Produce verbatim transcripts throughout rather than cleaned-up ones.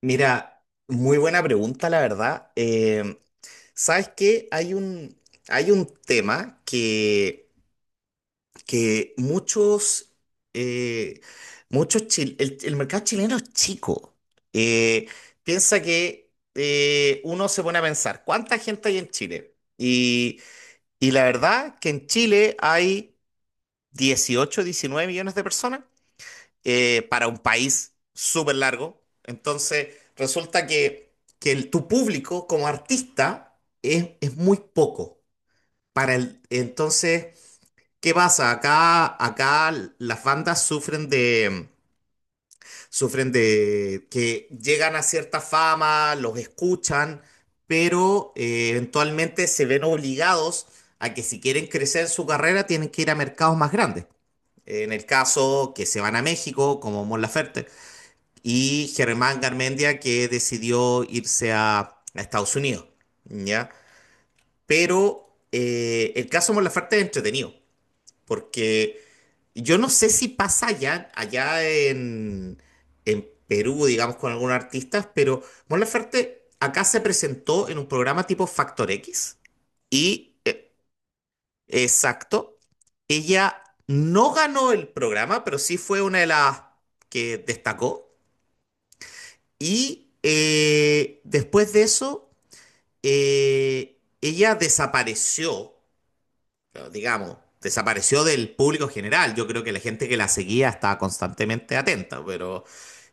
Mira, muy buena pregunta, la verdad. Eh, ¿sabes qué? Hay un, hay un tema que, que muchos, eh, muchos chil- el, el mercado chileno es chico. Eh, piensa que eh, uno se pone a pensar, ¿cuánta gente hay en Chile? Y, y la verdad que en Chile hay dieciocho diecinueve millones de personas eh, para un país súper largo. Entonces, resulta que, que el- tu público como artista es, es muy poco. Para el, entonces, ¿qué pasa? Acá, acá las bandas sufren de, sufren de que llegan a cierta fama, los escuchan, pero eh, eventualmente se ven obligados a que si quieren crecer en su carrera tienen que ir a mercados más grandes. En el caso que se van a México, como Mon Laferte, y Germán Garmendia que decidió irse a, a Estados Unidos, ¿ya? Pero eh, el caso Molafarte es entretenido, porque yo no sé si pasa allá, allá en, en Perú, digamos, con algunos artistas, pero Mon Laferte acá se presentó en un programa tipo Factor X y, eh, exacto, ella no ganó el programa, pero sí fue una de las que destacó. Y eh, después de eso, eh, ella desapareció, claro, digamos, desapareció del público general. Yo creo que la gente que la seguía estaba constantemente atenta, pero.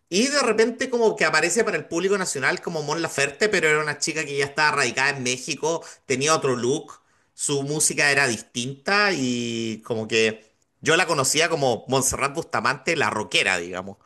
Y de repente como que aparece para el público nacional como Mon Laferte, pero era una chica que ya estaba radicada en México, tenía otro look, su música era distinta y como que yo la conocía como Montserrat Bustamante, la rockera, digamos.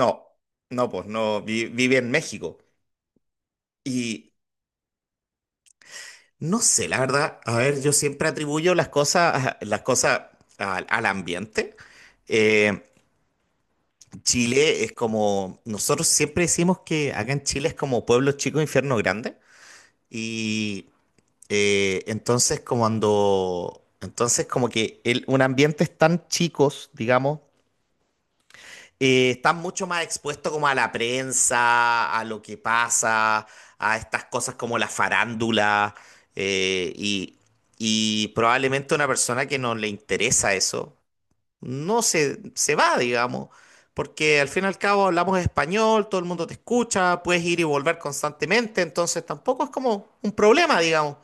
No, no, pues no, vi- vive en México. Y no sé, la verdad, a ver, yo siempre atribuyo las cosas, las cosas al, al ambiente. Eh, Chile es como, nosotros siempre decimos que acá en Chile es como pueblo chico, infierno grande. Y eh, entonces como cuando, entonces como que el- un ambiente es tan chicos, digamos, eh, están mucho más expuestos como a la prensa, a lo que pasa, a estas cosas como la farándula, eh, y, y probablemente una persona que no le interesa eso, no se, se va, digamos, porque al fin y al cabo hablamos español, todo el mundo te escucha, puedes ir y volver constantemente, entonces tampoco es como un problema, digamos.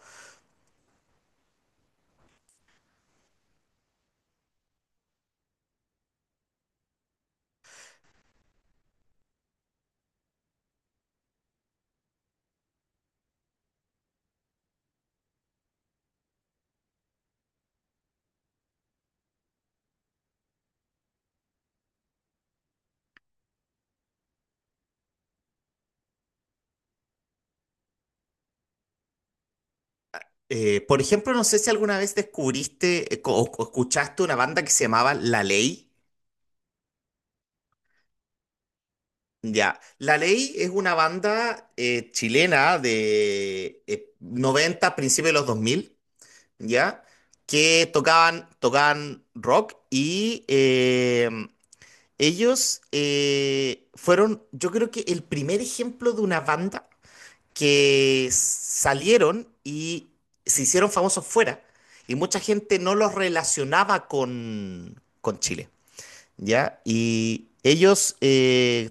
Eh, por ejemplo, no sé si alguna vez descubriste eh, co- o o escuchaste una banda que se llamaba La Ley. Ya, La Ley es una banda eh, chilena de eh, noventa, principios de los dos mil, ¿ya? Que tocaban, tocaban rock y eh, ellos eh, fueron, yo creo que el primer ejemplo de una banda que salieron y se hicieron famosos fuera y mucha gente no los relacionaba con, con Chile, ¿ya? Y ellos eh,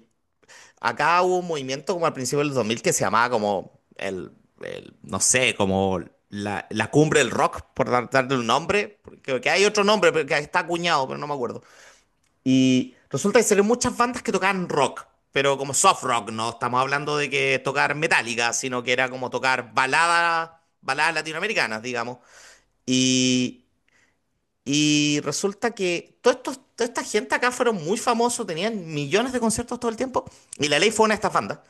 Acá hubo un movimiento como al principio del dos mil que se llamaba como el, el- no sé, como la, la cumbre del rock, por dar- darle un nombre, porque que hay otro nombre pero que está acuñado, pero no me acuerdo. Y resulta que salieron muchas bandas que tocaban rock, pero como soft rock, no estamos hablando de que tocar metálica, sino que era como tocar baladas, baladas latinoamericanas, digamos. Y, y resulta que todo estos toda esta gente acá fueron muy famosos, tenían millones de conciertos todo el tiempo, y La Ley fue una de estas bandas.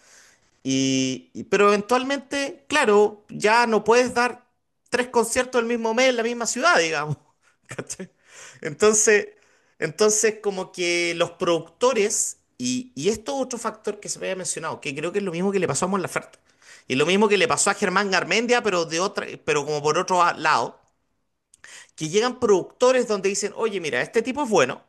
Y, y- pero eventualmente, claro, ya no puedes dar tres conciertos el mismo mes en la misma ciudad, digamos. ¿Cachai? Entonces, entonces como que los productores, y, y esto es otro factor que se me había mencionado, que creo que es lo mismo que le pasó a Mon Laferte, y lo mismo que le pasó a Germán Garmendia, pero de otra, pero como por otro lado, que llegan productores donde dicen, oye, mira, este tipo es bueno,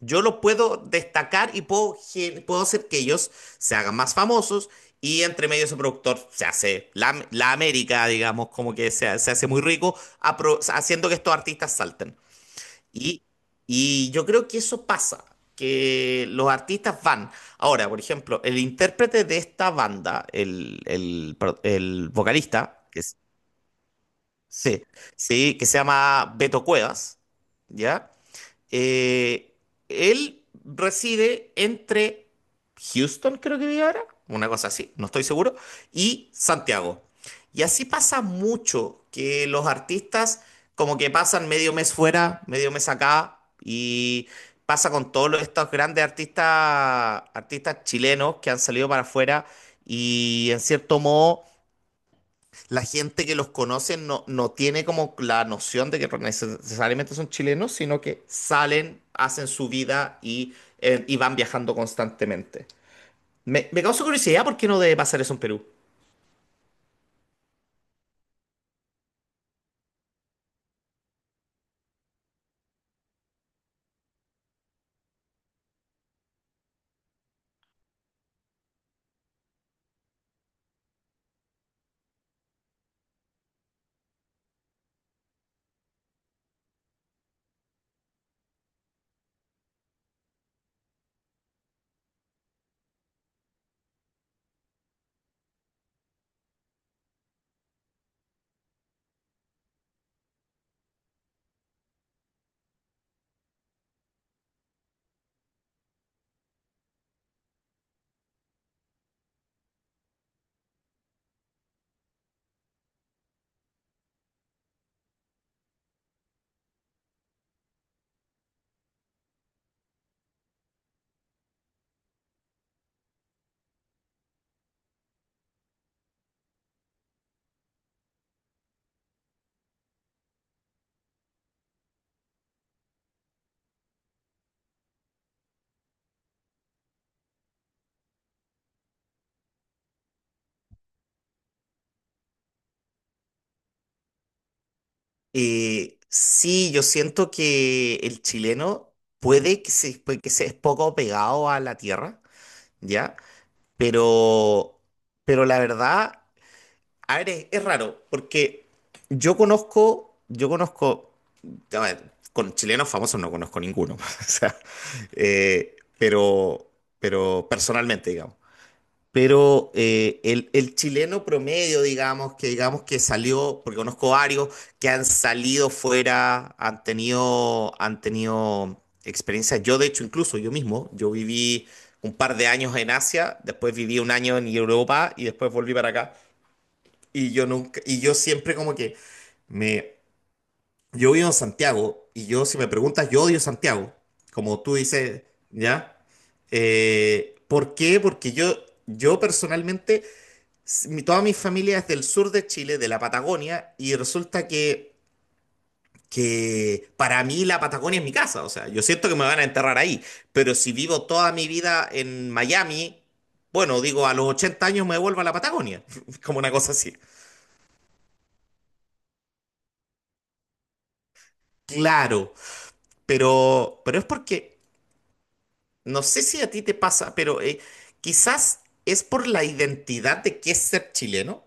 yo los puedo destacar y puedo, gen- puedo hacer que ellos se hagan más famosos y entre medio ese productor se hace la, la América, digamos, como que se, se hace muy rico apro- haciendo que estos artistas salten. Y, y yo creo que eso pasa, que los artistas van. Ahora, por ejemplo, el intérprete de esta banda, el, el pro- el vocalista, que es- sí, sí, que se llama Beto Cuevas, ¿ya? Eh, él reside entre Houston, creo que vive ahora, una cosa así, no estoy seguro, y Santiago. Y así pasa mucho que los artistas como que pasan medio mes fuera, medio mes acá, y pasa con todos los- estos grandes artistas, artistas chilenos que han salido para afuera y en cierto modo la gente que los conoce no, no tiene como la noción de que neces- necesariamente son chilenos, sino que salen, hacen su vida y, eh, y van viajando constantemente. Me, me causa curiosidad por qué no debe pasar eso en Perú. Eh, sí, yo siento que el chileno puede que se, puede que se es poco pegado a la tierra, ¿ya? Pero, pero la verdad, a ver, es, es raro, porque yo conozco, yo conozco a ver, con chilenos famosos no conozco ninguno, o sea, eh, pero, pero personalmente, digamos. Pero eh, el, el chileno promedio, digamos, que digamos que salió, porque conozco varios que han salido fuera, han tenido, han tenido experiencias. Yo, de hecho, incluso yo mismo, yo viví un par de años en Asia, después viví un año en Europa y después volví para acá. Y yo nunca, y yo siempre como que me, yo vivo en Santiago y yo, si me preguntas, yo odio Santiago, como tú dices, ¿ya? Eh, ¿por qué? Porque yo, yo, personalmente, s- mi- toda mi familia es del sur de Chile, de la Patagonia, y resulta que, que para mí la Patagonia es mi casa, o sea, yo siento que me van a enterrar ahí, pero si vivo toda mi vida en Miami, bueno, digo, a los ochenta años me vuelvo a la Patagonia, como una cosa así. Claro, pero, pero es porque. No sé si a ti te pasa, pero eh, quizás es por la identidad de qué es ser chileno,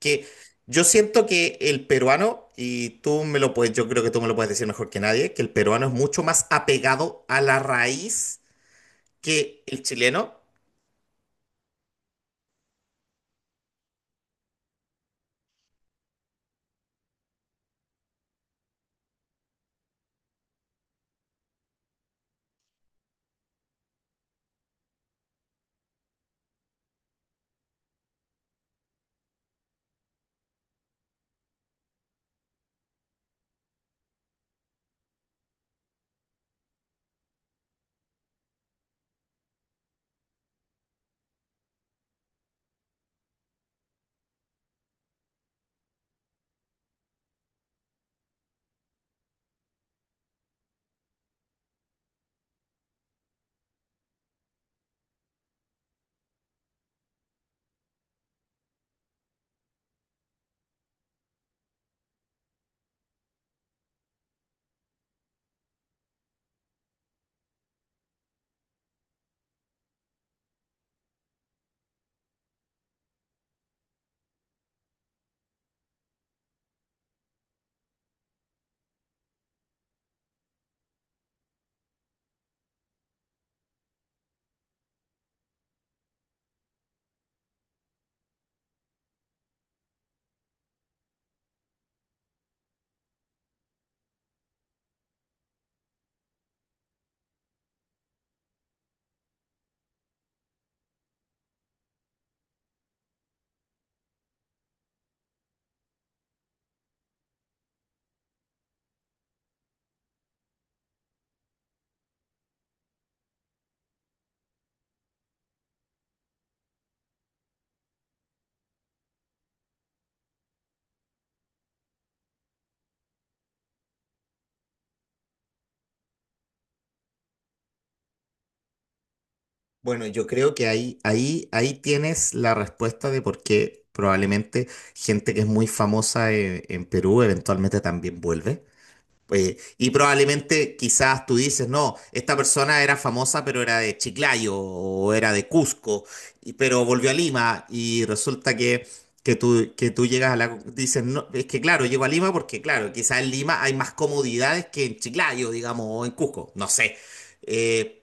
que yo siento que el peruano, y tú me lo puedes, yo creo que tú me lo puedes decir mejor que nadie, que el peruano es mucho más apegado a la raíz que el chileno. Bueno, yo creo que ahí, ahí, ahí tienes la respuesta de por qué probablemente gente que es muy famosa eh, en Perú eventualmente también vuelve. Eh, y probablemente quizás tú dices, no, esta persona era famosa, pero era de Chiclayo o era de Cusco, y- pero volvió a Lima y resulta que, que tú, que tú llegas a la. Dices, no, es que claro, llego a Lima porque claro, quizás en Lima hay más comodidades que en Chiclayo, digamos, o en Cusco, no sé. Eh,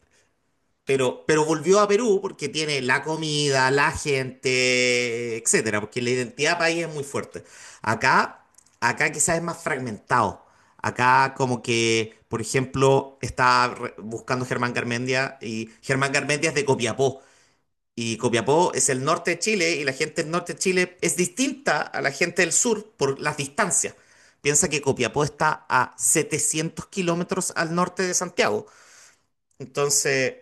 pero, pero volvió a Perú porque tiene la comida, la gente, etcétera, porque la identidad país es muy fuerte. Acá, Acá quizás es más fragmentado. Acá como que, por ejemplo, está re- buscando Germán Garmendia y Germán Garmendia es de Copiapó. Y Copiapó es el norte de Chile y la gente del norte de Chile es distinta a la gente del sur por las distancias. Piensa que Copiapó está a setecientos kilómetros al norte de Santiago. Entonces.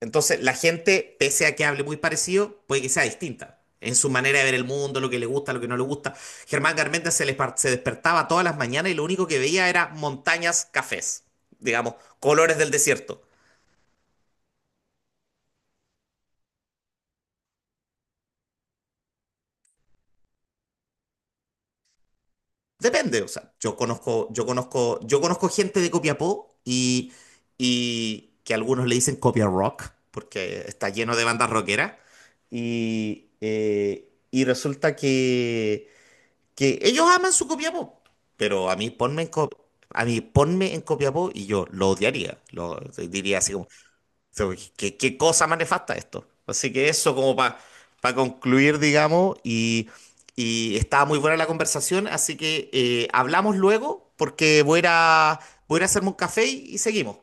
Entonces, la gente, pese a que hable muy parecido, puede que sea distinta en su manera de ver el mundo, lo que le gusta, lo que no le gusta. Germán Garmendia se, les par- se despertaba todas las mañanas y lo único que veía era montañas cafés, digamos, colores del desierto. Depende, o sea, yo conozco, yo conozco, yo conozco gente de Copiapó y, y que algunos le dicen Copia Rock, porque está lleno de bandas rockeras. Y, eh, y resulta que que ellos aman su Copiapó, pero a mí ponme en Co- a mí ponme en Copiapó y yo lo odiaría, lo diría así como, "So, ¿qué, ¿qué cosa más nefasta esto? Así que eso como para concluir, digamos, y, y estaba muy buena la conversación, así que eh, hablamos luego porque voy a, ir a- voy a ir a hacerme un café y y seguimos.